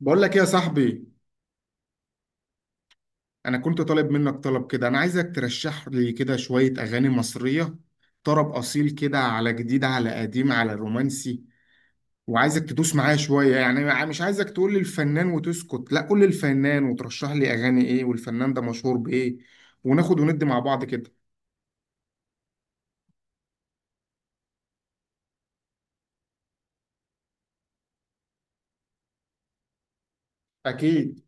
بقول لك إيه يا صاحبي؟ انا كنت طالب منك طلب كده. انا عايزك ترشح لي كده شوية اغاني مصرية، طرب اصيل كده، على جديد، على قديم، على رومانسي. وعايزك تدوس معايا شوية، يعني مش عايزك تقول لي الفنان وتسكت، لا قول لي الفنان وترشح لي اغاني ايه والفنان ده مشهور بايه، وناخد وندي مع بعض كده. اكيد.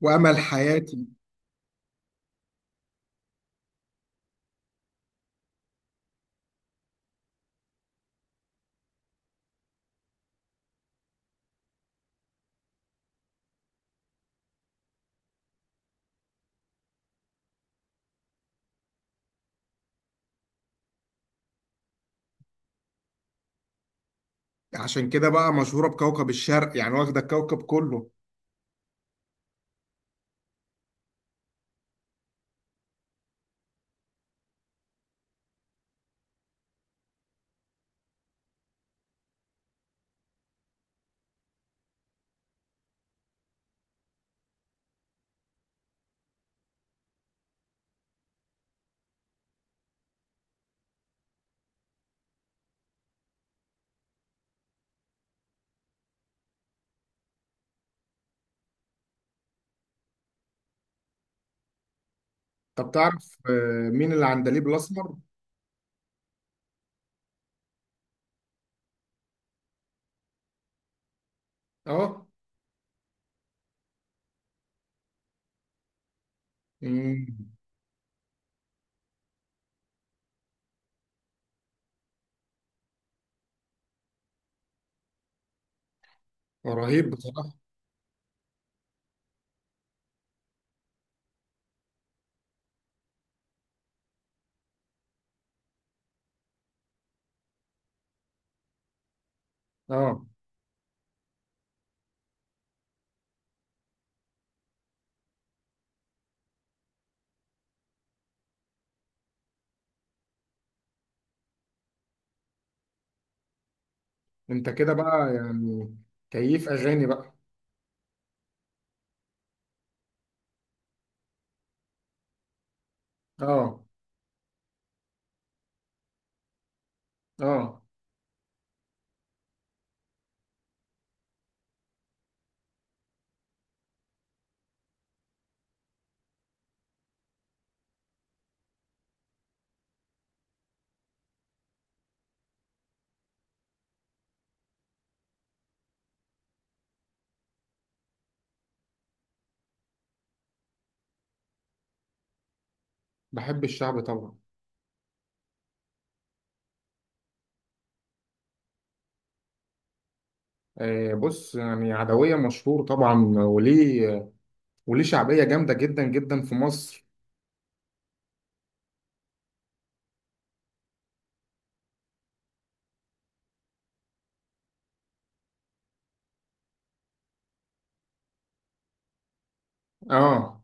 وامل حياتي. عشان كده بقى مشهورة بكوكب الشرق يعني، واخدة الكوكب كله. طب تعرف مين العندليب الاسمر؟ اه. مم. رهيب بصراحة. اه. انت كده بقى يعني؟ كيف اغاني بقى؟ اه. اه. بحب الشعب طبعا. آه بص، يعني عدوية مشهور طبعا، وليه وليه شعبية جامدة جدا جدا في مصر. اه.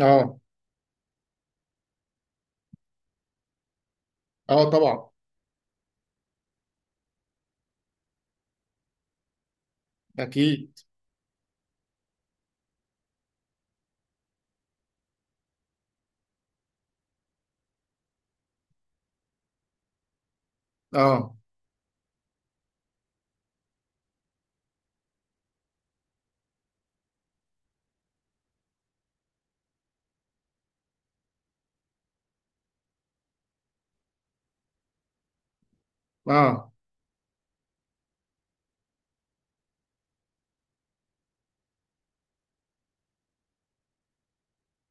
اه. اه طبعا. اكيد. اه. اه.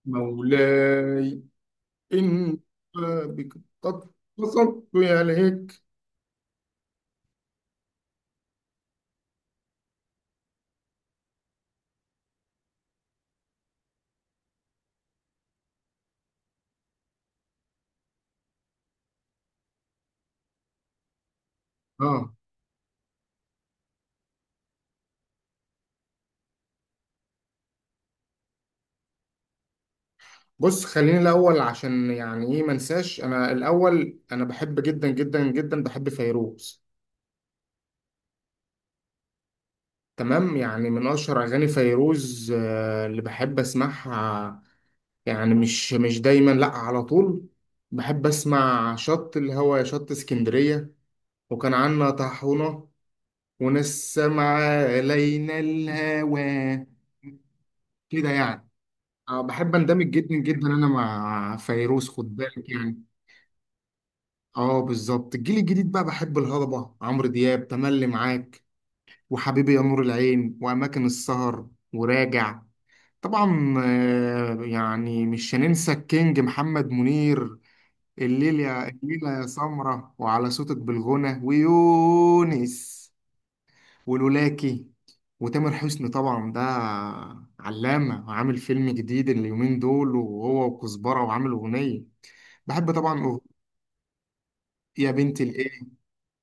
مولاي. ان. بك. قد قصدت عليك. اه، بص خليني الاول، عشان يعني ايه ما انساش. انا الاول انا بحب جدا جدا جدا بحب فيروز. تمام، يعني من اشهر اغاني فيروز اللي بحب اسمعها، يعني مش مش دايما لا على طول، بحب اسمع شط الهوا يا شط اسكندريه، وكان عنا طاحونه، وناس سمع علينا الهوى. كده يعني. بحب اندمج جدا جدا انا مع فيروز، خد بالك يعني. اه بالظبط. الجيل الجديد بقى، بحب الهضبه عمرو دياب، تملي معاك، وحبيبي يا نور العين، واماكن السهر، وراجع. طبعا يعني مش هننسى الكينج محمد منير، الليل يا الليلة يا سمرة، وعلى صوتك بالغنى، ويونس، ولولاكي. وتامر حسني طبعا ده علامة، وعامل فيلم جديد اليومين دول وهو وكزبرة، وعامل أغنية بحب طبعا. أغنية يا بنت الإيه،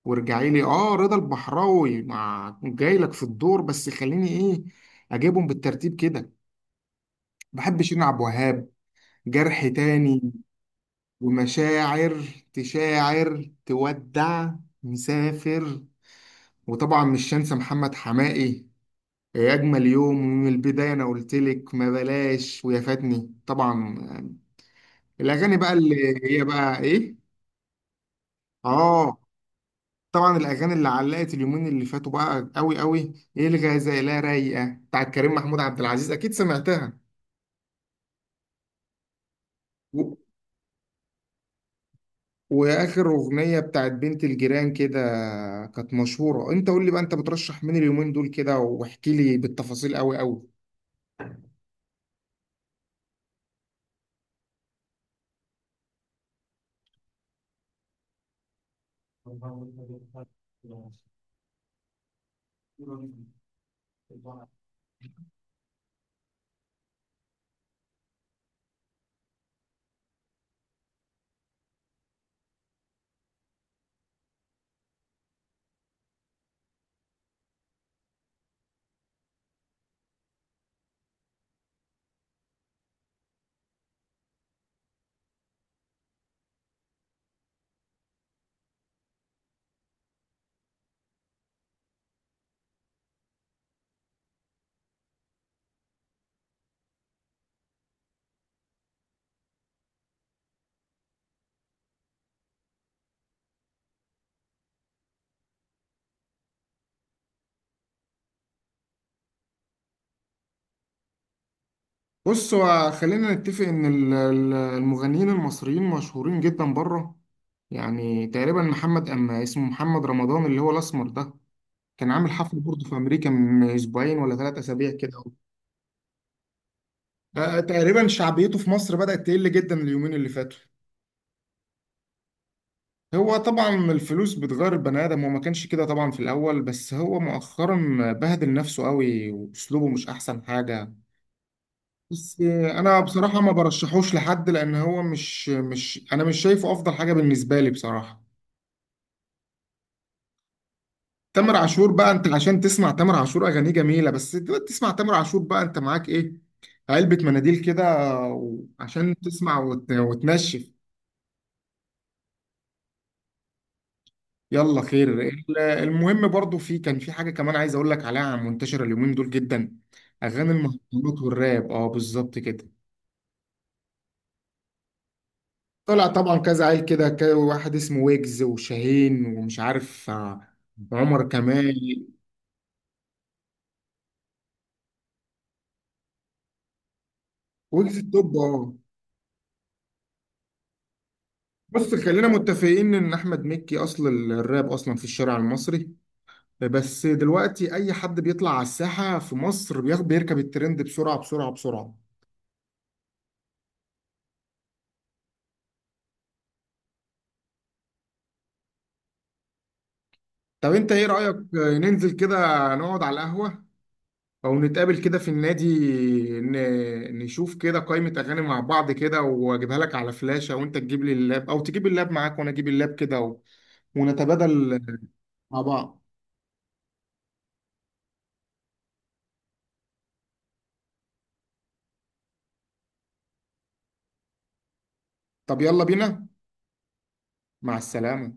وارجعي لي. آه رضا البحراوي مع جاي لك في الدور، بس خليني إيه أجيبهم بالترتيب كده. بحب شيرين عبد الوهاب، جرح تاني، ومشاعر، تشاعر، تودع، مسافر. وطبعا مش هنسى محمد حماقي، يا أجمل يوم، ومن البداية، أنا قلت لك، ما بلاش، ويا فاتني طبعا. الأغاني بقى اللي هي بقى إيه؟ آه طبعا الأغاني اللي علقت اليومين اللي فاتوا بقى قوي قوي، إيه الغزالة رايقة بتاعت كريم محمود عبد العزيز، أكيد سمعتها. واخر اغنيه بتاعت بنت الجيران كده كانت مشهوره. انت قول لي بقى، انت بترشح مين اليومين دول كده، واحكي لي بالتفاصيل قوي قوي. بص، هو خلينا نتفق ان المغنيين المصريين مشهورين جدا بره، يعني تقريبا محمد، اما اسمه محمد رمضان، اللي هو الاسمر ده، كان عامل حفله برضه في امريكا من اسبوعين ولا ثلاث اسابيع كده. تقريبا شعبيته في مصر بدأت تقل جدا اليومين اللي فاتوا. هو طبعا الفلوس بتغير البني ادم، وما كانش كده طبعا في الاول، بس هو مؤخرا بهدل نفسه قوي، واسلوبه مش احسن حاجه. بس انا بصراحه ما برشحوش لحد، لان هو مش مش انا مش شايفه افضل حاجه بالنسبه لي بصراحه. تامر عاشور بقى، انت عشان تسمع تامر عاشور اغانيه جميله، بس دلوقتي تسمع تامر عاشور بقى انت معاك ايه؟ علبه مناديل كده، عشان تسمع وتنشف. يلا خير. المهم برضو، في كان في حاجة كمان عايز اقول لك عليها منتشرة اليومين دول جدا، اغاني المهرجانات والراب. اه بالظبط كده. طلع طبعا كذا عيل كده، واحد اسمه ويجز، وشاهين، ومش عارف عمر كمال. ويجز التوب اه. بص خلينا متفقين ان احمد مكي اصل الراب اصلا في الشارع المصري، بس دلوقتي اي حد بيطلع على الساحة في مصر بياخد بيركب الترند بسرعة بسرعة بسرعة. طب انت ايه رأيك ننزل كده، نقعد على القهوة، او نتقابل كده في النادي، نشوف كده قائمة اغاني مع بعض كده، واجيبها لك على فلاشة، وانت تجيب لي اللاب او تجيب اللاب معاك وانا اجيب اللاب كده ونتبادل مع بعض. طب يلا بينا. مع السلامة.